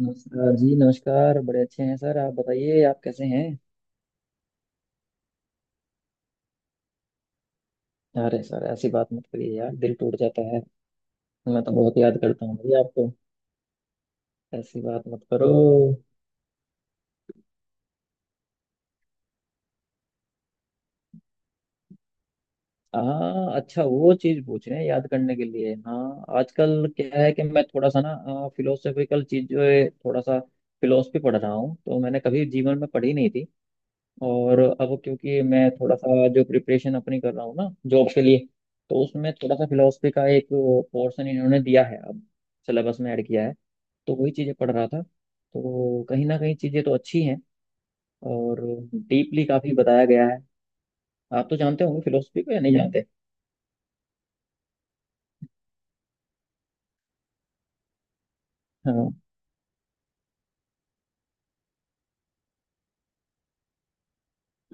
नमस्कार जी, नमस्कार। बड़े अच्छे हैं सर। आप बताइए, आप कैसे हैं? अरे सर, ऐसी बात मत करिए यार, दिल टूट जाता है। मैं तो बहुत याद करता हूँ भाई आपको। ऐसी बात मत करो। हाँ, अच्छा, वो चीज़ पूछ रहे हैं याद करने के लिए। हाँ, आजकल क्या है कि मैं थोड़ा सा ना फिलोसॉफिकल चीज़ जो है, थोड़ा सा फिलोसफी पढ़ रहा हूँ। तो मैंने कभी जीवन में पढ़ी नहीं थी। और अब क्योंकि मैं थोड़ा सा जो प्रिपरेशन अपनी कर रहा हूँ ना जॉब के लिए, तो उसमें थोड़ा सा फिलोसफी का एक पोर्शन इन्होंने दिया है, अब सिलेबस में ऐड किया है। तो वही चीज़ें पढ़ रहा था, तो कहीं ना कहीं चीज़ें तो अच्छी हैं, और डीपली काफ़ी बताया गया है। आप तो जानते होंगे फिलोसफी को, या नहीं जानते? हाँ।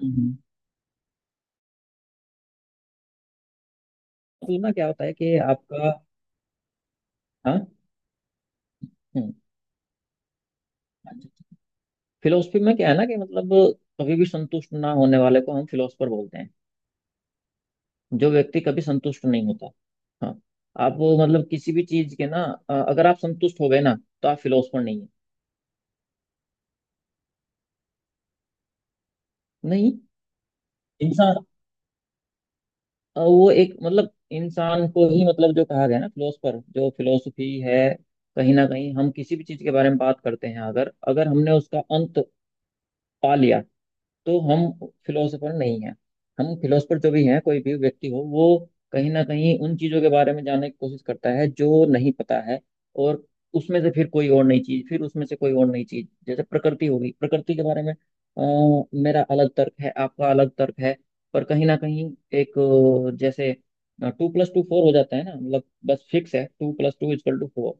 हम्म। असल में क्या होता है कि आपका, हाँ, फिलोसफी में क्या है ना कि मतलब, कभी भी संतुष्ट ना होने वाले को हम फिलोसफर बोलते हैं। जो व्यक्ति कभी संतुष्ट नहीं होता, हाँ, आप वो मतलब किसी भी चीज के ना, अगर आप संतुष्ट हो गए ना, तो आप फिलोसफर नहीं है। नहीं। इंसान, वो एक, मतलब इंसान को ही, मतलब जो कहा गया ना फिलोसफर, जो फिलोसफी है, कहीं ना कहीं हम किसी भी चीज के बारे में बात करते हैं। अगर अगर हमने उसका अंत पा लिया, तो हम फिलोसोफर नहीं है। हम फिलोसोफर जो भी हैं कोई भी व्यक्ति हो, वो कहीं ना कहीं उन चीजों के बारे में जानने की कोशिश करता है जो नहीं पता है। और उसमें से फिर कोई और नई चीज, फिर उसमें से कोई और नई चीज, जैसे प्रकृति होगी, प्रकृति के बारे में मेरा अलग तर्क है, आपका अलग तर्क है। पर कहीं ना कहीं एक, जैसे टू प्लस टू फोर हो जाता है ना, मतलब बस फिक्स है, two plus two is equal to four.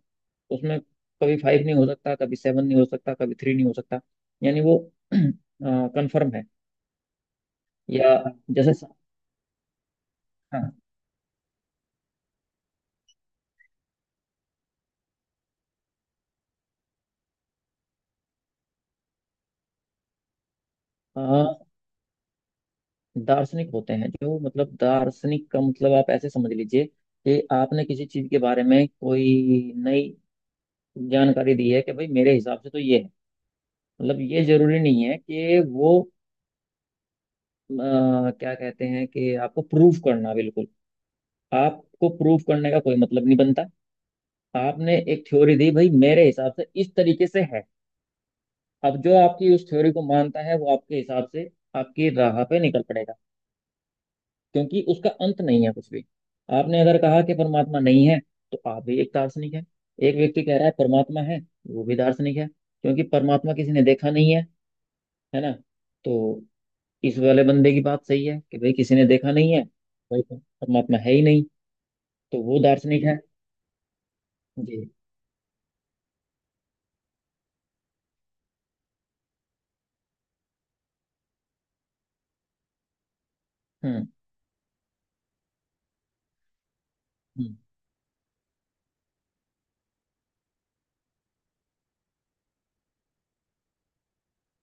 उसमें कभी फाइव नहीं हो सकता, कभी सेवन नहीं हो सकता, कभी थ्री नहीं हो सकता। यानी वो कंफर्म है। या जैसे, हाँ, अ, दार्शनिक होते हैं जो, मतलब दार्शनिक का मतलब आप ऐसे समझ लीजिए कि आपने किसी चीज के बारे में कोई नई जानकारी दी है कि भाई मेरे हिसाब से तो ये है। मतलब ये जरूरी नहीं है कि वो क्या कहते हैं, कि आपको प्रूफ करना, बिल्कुल आपको प्रूफ करने का कोई मतलब नहीं बनता। आपने एक थ्योरी दी, भाई मेरे हिसाब से इस तरीके से है। अब जो आपकी उस थ्योरी को मानता है वो आपके हिसाब से, आपकी राह पे निकल पड़ेगा। क्योंकि उसका अंत नहीं है कुछ भी। आपने अगर कहा कि परमात्मा नहीं है, तो आप भी एक दार्शनिक है। एक व्यक्ति कह रहा है परमात्मा है, वो भी दार्शनिक है, क्योंकि परमात्मा किसी ने देखा नहीं है, है ना। तो इस वाले बंदे की बात सही है कि भाई किसी ने देखा नहीं है, भाई परमात्मा है ही नहीं, तो वो दार्शनिक है। जी। हम्म, हम्म।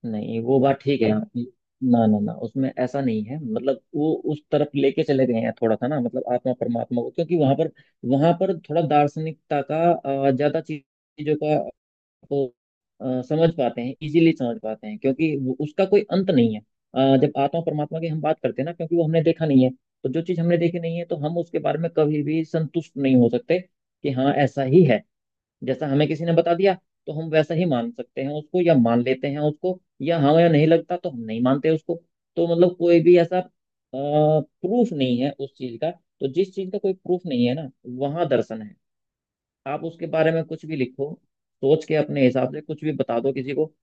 नहीं, वो बात ठीक है। ना ना ना उसमें ऐसा नहीं है, मतलब वो उस तरफ लेके चले गए हैं थोड़ा सा ना, मतलब आत्मा परमात्मा को, क्योंकि वहां पर थोड़ा दार्शनिकता का, ज्यादा चीजों का वो समझ पाते हैं, इजीली समझ पाते हैं, क्योंकि उसका कोई अंत नहीं है। जब आत्मा परमात्मा की हम बात करते हैं ना, क्योंकि वो हमने देखा नहीं है, तो जो चीज हमने देखी नहीं है, तो हम उसके बारे में कभी भी संतुष्ट नहीं हो सकते कि हाँ ऐसा ही है, जैसा हमें किसी ने बता दिया, तो हम वैसा ही मान सकते हैं उसको, या मान लेते हैं उसको, या हमें नहीं लगता तो हम नहीं मानते उसको। तो मतलब कोई भी ऐसा प्रूफ नहीं है उस चीज का, तो जिस चीज का कोई प्रूफ नहीं है ना, वहां दर्शन है। आप उसके बारे में कुछ भी लिखो, सोच के अपने हिसाब से कुछ भी बता दो किसी को,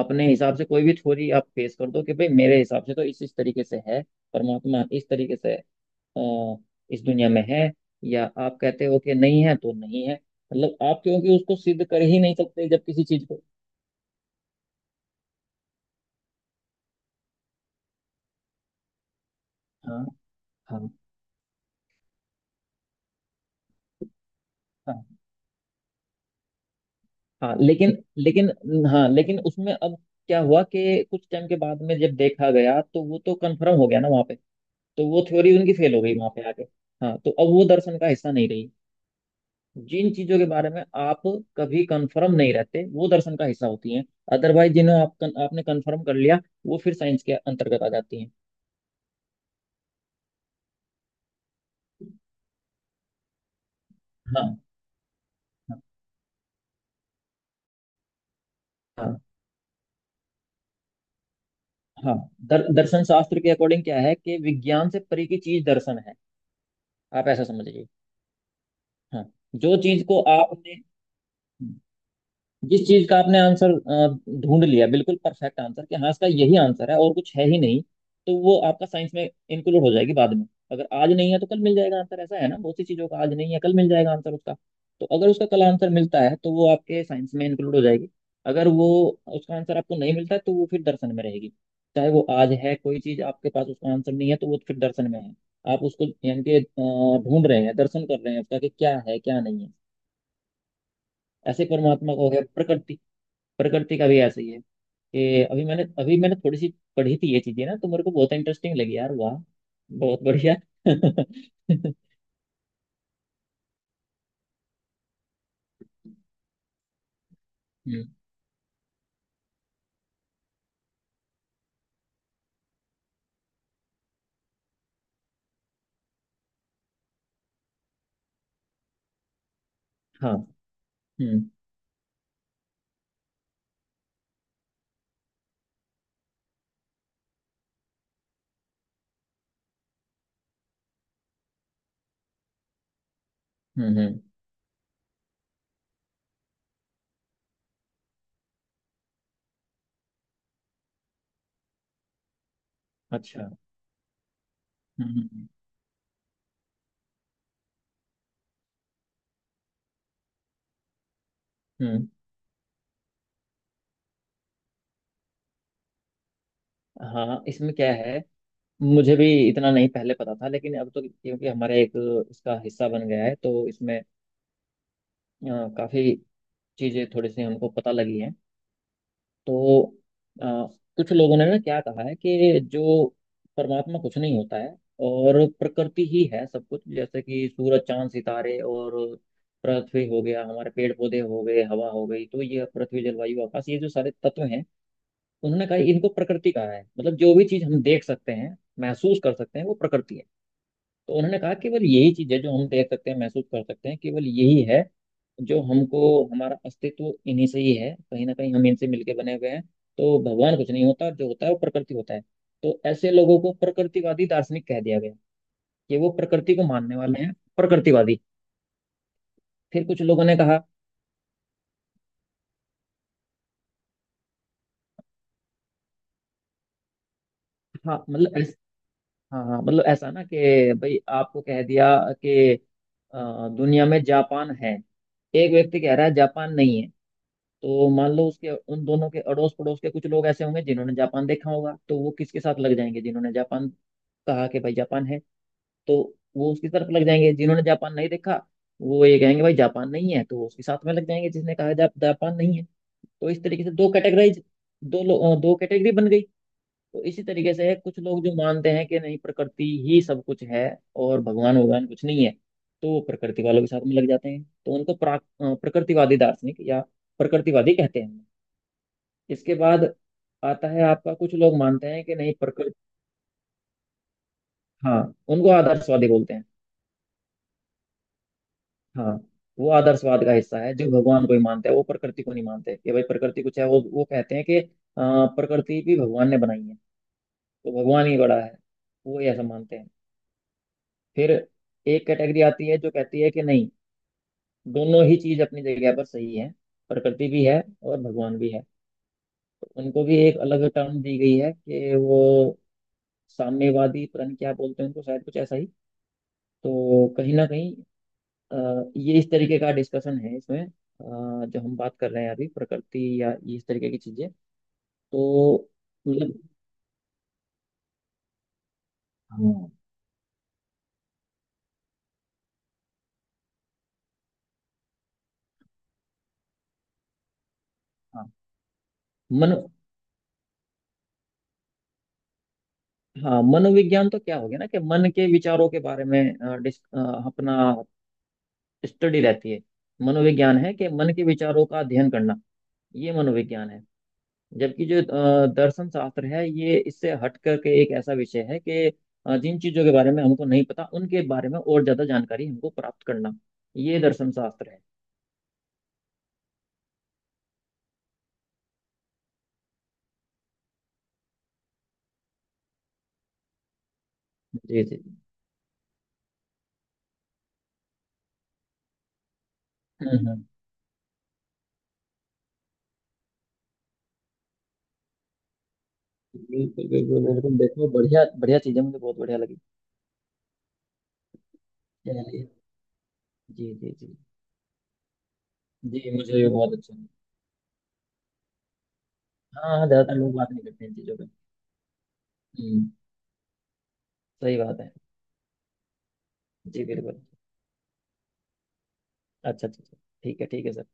अपने हिसाब से कोई भी थ्योरी आप पेश कर दो कि भाई मेरे हिसाब से तो इस तरीके से है। परमात्मा इस तरीके से, अ, इस दुनिया में है, या आप कहते हो कि नहीं है तो नहीं है, मतलब आप क्योंकि उसको सिद्ध कर ही नहीं सकते जब किसी चीज को। हाँ, हाँ, हाँ, हाँ, लेकिन लेकिन हाँ, लेकिन उसमें अब क्या हुआ कि कुछ टाइम के बाद में जब देखा गया तो वो तो कंफर्म हो गया ना वहाँ पे। तो वो थ्योरी उनकी फेल हो गई वहाँ पे आके। हाँ, तो अब वो दर्शन का हिस्सा नहीं रही। जिन चीजों के बारे में आप कभी कंफर्म नहीं रहते, वो दर्शन का हिस्सा होती हैं। अदरवाइज जिन्हें आप आपने कंफर्म कर लिया, वो फिर साइंस के अंतर्गत आ जाती हैं। हाँ, हाँ, हाँ, दर्शन शास्त्र के अकॉर्डिंग क्या है कि विज्ञान से परे की चीज दर्शन है। आप ऐसा समझिए। हाँ, जो चीज को आपने, जिस चीज का आपने आंसर ढूंढ लिया, बिल्कुल परफेक्ट आंसर, कि हाँ इसका यही आंसर है और कुछ है ही नहीं, तो वो आपका साइंस में इंक्लूड हो जाएगी बाद में। अगर आज नहीं है तो कल मिल जाएगा आंसर। ऐसा है ना, बहुत सी चीजों का आज नहीं है, कल मिल जाएगा आंसर उसका। तो अगर उसका कल आंसर मिलता है तो वो आपके साइंस में इंक्लूड हो जाएगी। अगर वो उसका आंसर आपको नहीं मिलता है, तो वो फिर दर्शन में रहेगी। चाहे वो आज है कोई चीज आपके पास उसका आंसर नहीं है, तो वो फिर दर्शन में है। आप उसको यानी कि ढूंढ रहे हैं, दर्शन कर रहे हैं उसका कि क्या है क्या नहीं है। ऐसे परमात्मा को है, प्रकृति, प्रकृति का भी ऐसा ही है। कि अभी मैंने थोड़ी सी पढ़ी थी ये चीजें ना, तो मेरे को बहुत इंटरेस्टिंग लगी, यार वाह, बहुत बढ़िया। हम्म। हाँ, हम्म, हम्म, अच्छा, हम्म, हम्म, हम्म। हाँ, इसमें क्या है, मुझे भी इतना नहीं पहले पता था, लेकिन अब तो क्योंकि हमारा एक इसका हिस्सा बन गया है, तो इसमें काफी चीजें थोड़ी सी हमको पता लगी हैं। तो अ, कुछ लोगों ने ना क्या कहा है कि जो परमात्मा कुछ नहीं होता है, और प्रकृति ही है सब कुछ, जैसे कि सूरज, चांद, सितारे और पृथ्वी हो गया, हमारे पेड़ पौधे हो गए, हवा हो गई। तो ये पृथ्वी, जलवायु, आकाश, ये जो सारे तत्व हैं, उन्होंने कहा इनको प्रकृति कहा है। मतलब जो भी चीज हम देख सकते हैं, महसूस कर सकते हैं, वो प्रकृति है। तो उन्होंने कहा केवल यही चीज है जो हम देख सकते हैं, महसूस कर सकते हैं, केवल यही है जो हमको, हमारा अस्तित्व इन्हीं से ही है, कहीं ना कहीं हम इनसे मिलके बने हुए हैं। तो भगवान कुछ नहीं होता, जो होता है वो प्रकृति होता है। तो ऐसे लोगों को प्रकृतिवादी दार्शनिक कह दिया गया कि वो प्रकृति को मानने वाले हैं, प्रकृतिवादी। फिर कुछ लोगों ने कहा, हाँ मतलब हाँ हाँ मतलब ऐसा ना कि भाई आपको कह दिया कि दुनिया में जापान है, एक व्यक्ति कह रहा है जापान नहीं है। तो मान लो उसके उन दोनों के अड़ोस पड़ोस के कुछ लोग ऐसे होंगे जिन्होंने जापान देखा होगा, तो वो किसके साथ लग जाएंगे? जिन्होंने जापान कहा कि भाई जापान है, तो वो उसकी तरफ लग जाएंगे। जिन्होंने जापान नहीं देखा, वो ये कहेंगे भाई जापान नहीं है, तो वो उसके साथ में लग जाएंगे जिसने कहा जापान नहीं है। तो इस तरीके से दो कैटेगराइज, दो कैटेगरी बन गई। तो इसी तरीके से है, कुछ लोग जो मानते हैं कि नहीं प्रकृति ही सब कुछ है, और भगवान भगवान कुछ नहीं है, तो वो प्रकृति वालों के साथ में लग जाते हैं। तो उनको प्रकृतिवादी दार्शनिक या प्रकृतिवादी कहते हैं। इसके बाद आता है आपका, कुछ लोग मानते हैं कि नहीं प्रकृति, हाँ, उनको आदर्शवादी बोलते हैं। हाँ। वो आदर्शवाद का हिस्सा है जो भगवान को ही मानते हैं, वो प्रकृति को नहीं मानते कि भाई प्रकृति कुछ है। वो कहते हैं कि प्रकृति भी भगवान ने बनाई है, तो भगवान ही बड़ा है, वो ऐसा मानते हैं। फिर एक कैटेगरी आती है जो कहती है कि नहीं, दोनों ही चीज अपनी जगह पर सही है, प्रकृति भी है और भगवान भी है। तो उनको भी एक अलग टर्म दी गई है, कि वो साम्यवादी, पता नहीं क्या बोलते हैं उनको, शायद कुछ ऐसा ही। तो कहीं ना कहीं अ, ये इस तरीके का डिस्कशन है, इसमें जो हम बात कर रहे हैं अभी, प्रकृति या ये इस तरीके की चीजें। तो मतलब, हाँ हाँ, मन हाँ, मनोविज्ञान तो क्या हो गया ना कि मन के विचारों के बारे में, अपना स्टडी रहती है। मनोविज्ञान है कि मन के विचारों का अध्ययन करना, ये मनोविज्ञान है। जबकि जो दर्शन शास्त्र है, ये इससे हट करके एक ऐसा विषय है कि जिन चीजों के बारे में हमको नहीं पता, उनके बारे में और ज्यादा जानकारी हमको प्राप्त करना, ये दर्शन शास्त्र है। जी, जी, जी। हम्म, हम्म। बिल्कुल, बिल्कुल, बिल्कुल, देखो, बढ़िया बढ़िया चीज है, मुझे बहुत बढ़िया लगी। चलिए। जी, जी, जी। जी, मुझे भी बहुत अच्छा लगा। हाँ, हाँ, ज्यादातर लोग बात नहीं करते हैं इन चीजों पे। हम्म। सही बात है। जी बिल्कुल। अच्छा, अच्छा, अच्छा। ठीक है, ठीक है सर।